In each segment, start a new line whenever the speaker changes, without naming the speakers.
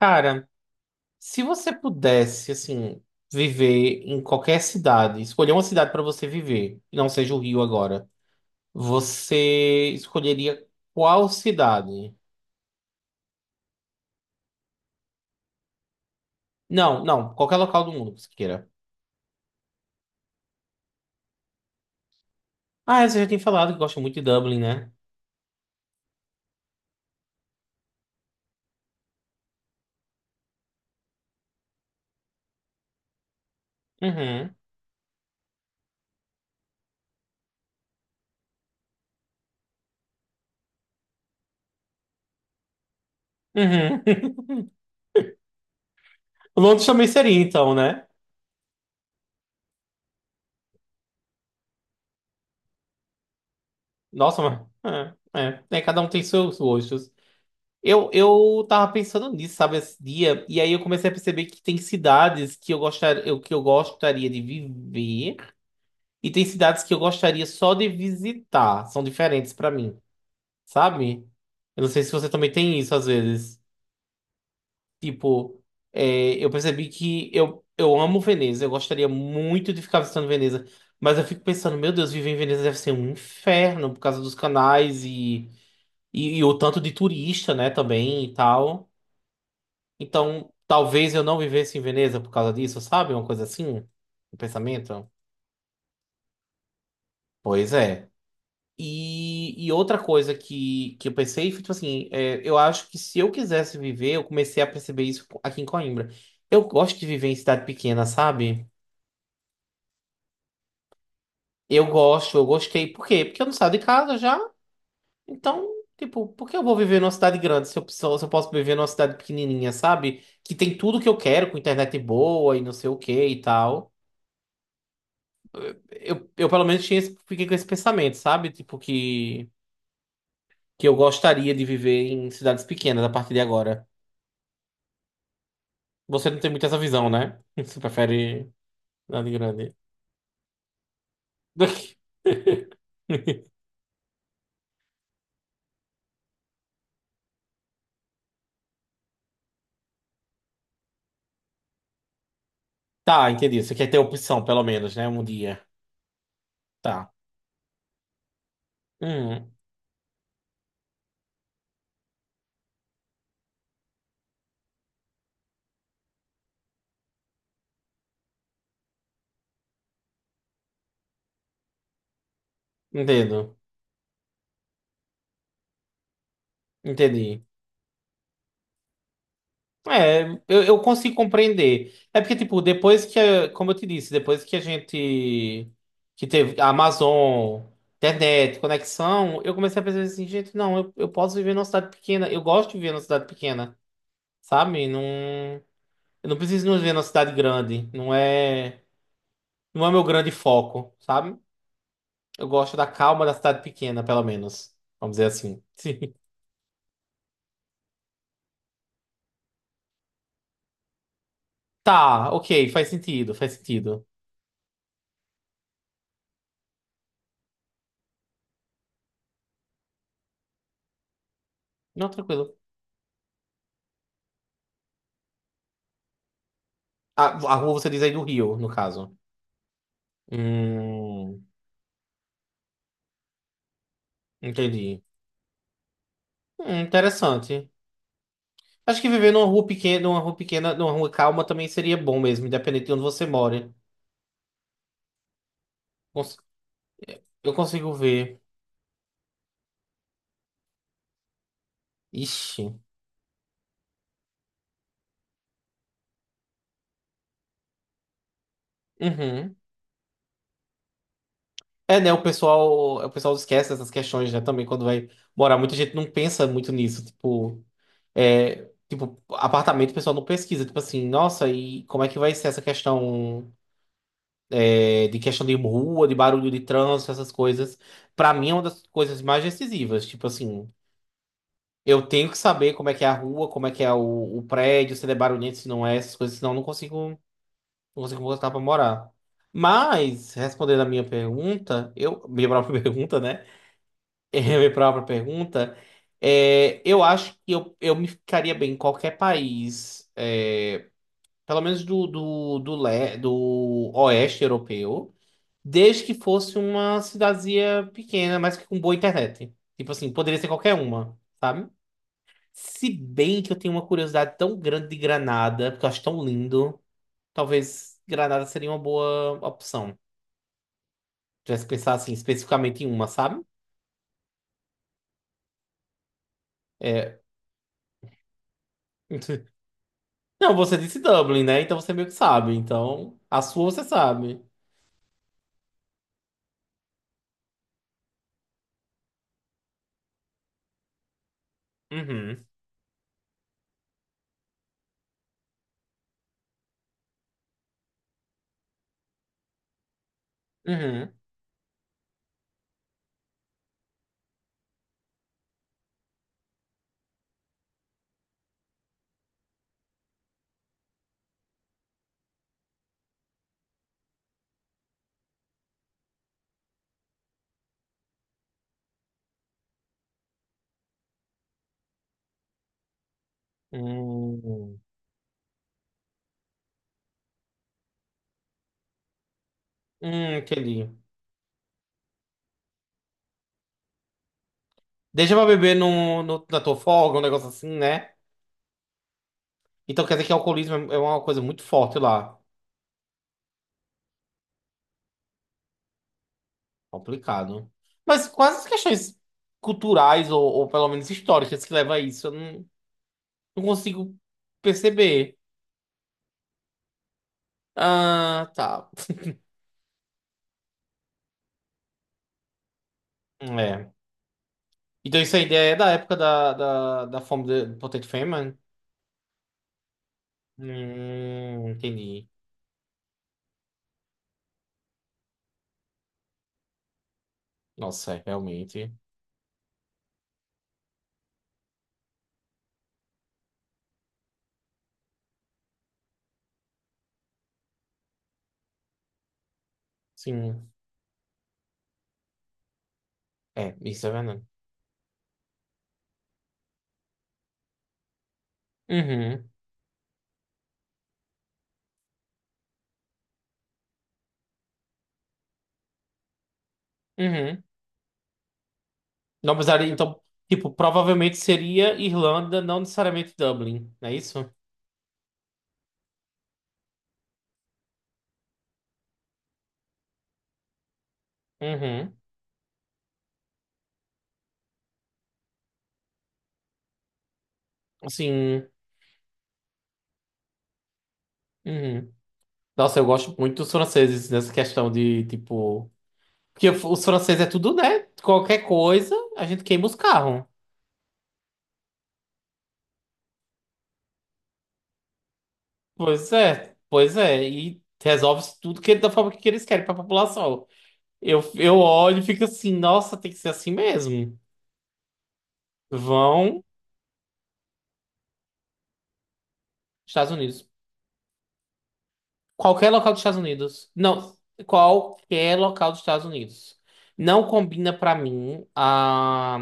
Cara, se você pudesse, assim, viver em qualquer cidade, escolher uma cidade para você viver, que não seja o Rio agora, você escolheria qual cidade? Não, não, qualquer local do mundo que você queira. Ah, você já tem falado que gosta muito de Dublin, né? Uhum, uhum. Londres também seria, então, né? Nossa, mas... É, cada um tem seus gostos. Eu tava pensando nisso, sabe, esse dia, e aí eu comecei a perceber que tem cidades que eu gostaria de viver e tem cidades que eu gostaria só de visitar. São diferentes pra mim, sabe? Eu não sei se você também tem isso às vezes. Tipo, eu percebi que eu amo Veneza, eu gostaria muito de ficar visitando Veneza, mas eu fico pensando, meu Deus, viver em Veneza deve ser um inferno por causa dos canais e o tanto de turista, né, também e tal. Então, talvez eu não vivesse em Veneza por causa disso, sabe? Uma coisa assim, um pensamento. Pois é. E outra coisa que eu pensei, foi, tipo assim, eu acho que se eu quisesse viver, eu comecei a perceber isso aqui em Coimbra. Eu gosto de viver em cidade pequena, sabe? Eu gosto, eu gostei. Por quê? Porque eu não saio de casa já. Então, tipo, por que eu vou viver numa cidade grande se eu posso viver numa cidade pequenininha, sabe? Que tem tudo que eu quero, com internet boa e não sei o que e tal. Eu pelo menos tinha fiquei com esse pensamento, sabe? Tipo, que eu gostaria de viver em cidades pequenas a partir de agora. Você não tem muito essa visão, né? Você prefere cidade grande. Tá, entendi. Você quer ter opção, pelo menos, né? Um dia. Tá. Hum, Entendo. Entendi. É, eu consigo compreender. É porque, tipo, como eu te disse, depois que a gente, que teve a Amazon, internet, conexão, eu comecei a pensar assim, gente, não, eu posso viver numa cidade pequena, eu gosto de viver numa cidade pequena, sabe? Não, eu não preciso não viver numa cidade grande, não é meu grande foco, sabe? Eu gosto da calma da cidade pequena, pelo menos, vamos dizer assim. Sim. Tá, ok, faz sentido, faz sentido. Não, tranquilo. A, a rua você diz aí do Rio, no caso. Hum, entendi. Interessante. Acho que viver numa rua pequena, numa rua calma também seria bom mesmo, independente de onde você mora. Cons- Eu consigo ver. Ixi. Uhum. É, né? O pessoal esquece essas questões, né? Também quando vai morar, muita gente não pensa muito nisso. Tipo, apartamento, o pessoal não pesquisa. Tipo assim, nossa, e como é que vai ser essa questão, de questão de rua, de barulho de trânsito, essas coisas? Pra mim é uma das coisas mais decisivas. Tipo assim. Eu tenho que saber como é que é a rua, como é que é o prédio, se ele é barulhento, se não é, essas coisas, senão eu não consigo voltar pra morar. Mas, respondendo a minha pergunta, minha própria pergunta, né? É, minha própria pergunta, eu acho que eu me ficaria bem em qualquer país, pelo menos do oeste europeu, desde que fosse uma cidadezinha pequena, mas que com boa internet. Tipo assim, poderia ser qualquer uma, sabe? Se bem que eu tenho uma curiosidade tão grande de Granada, porque eu acho tão lindo, talvez Granada seria uma boa opção. Já se pensar assim, especificamente em uma, sabe? É... Não, você disse Dublin, né? Então você meio que sabe. Então, a sua você sabe. Uhum. Uhum. Hum, aquele. Deixa pra beber no, na tua folga, um negócio assim, né? Então quer dizer que o alcoolismo é uma coisa muito forte lá. Complicado. Mas quais as questões culturais, ou pelo menos históricas, que levam a isso? Eu não consigo perceber. Ah, tá. É. Então isso ainda é da época da fome de do Potato Famine? Entendi. Nossa, realmente. Sim. É, isso é verdade. Uhum, uhum. Não precisaria, então, tipo, provavelmente seria Irlanda, não necessariamente Dublin, não é isso? Uhum. Sim. Uhum. Nossa, eu gosto muito dos franceses nessa questão de, tipo. Porque os franceses é tudo, né? Qualquer coisa, a gente queima os carros. Pois é, pois é. E resolve tudo que, da forma que eles querem para a população. Eu olho e fico assim, nossa, tem que ser assim mesmo. Vão, Estados Unidos. Qualquer local dos Estados Unidos. Não, qualquer local dos Estados Unidos. Não combina para mim a,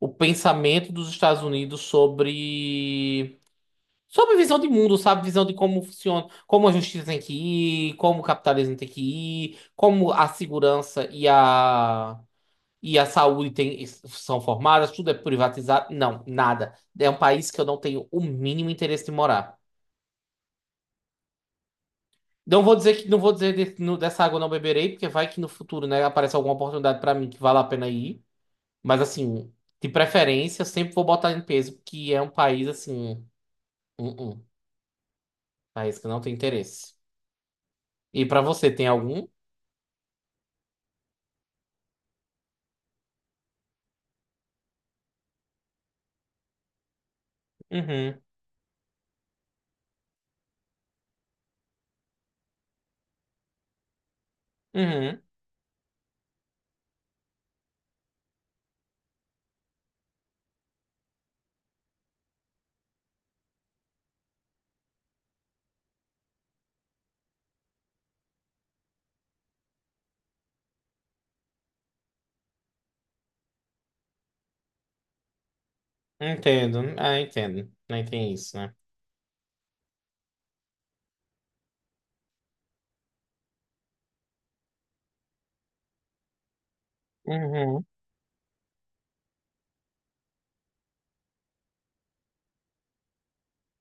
o pensamento dos Estados Unidos sobre. Sobre visão de mundo, sabe? Visão de como funciona, como a justiça tem que ir, como o capitalismo tem que ir, como a segurança e a saúde tem, são formadas, tudo é privatizado. Não, nada. É um país que eu não tenho o mínimo interesse de morar. Não vou dizer que não vou dizer de- no- dessa água eu não beberei, porque vai que no futuro, né, aparece alguma oportunidade pra mim que vale a pena ir. Mas assim, de preferência, eu sempre vou botar em peso, porque é um país assim, um país que eu não tem interesse. E pra você, tem algum? Uhum, uhum, entendo. Ah, entendo. Nem tem isso, né? Uhum,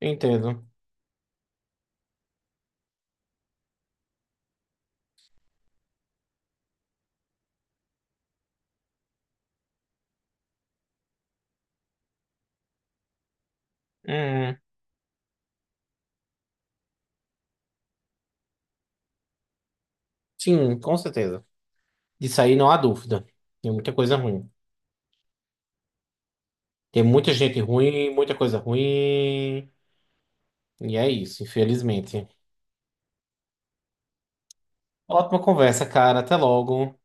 entendo. Uhum. Sim, com certeza. Disso aí não há dúvida. Tem muita coisa ruim. Tem muita gente ruim, muita coisa ruim. E é isso, infelizmente. Ótima conversa, cara. Até logo.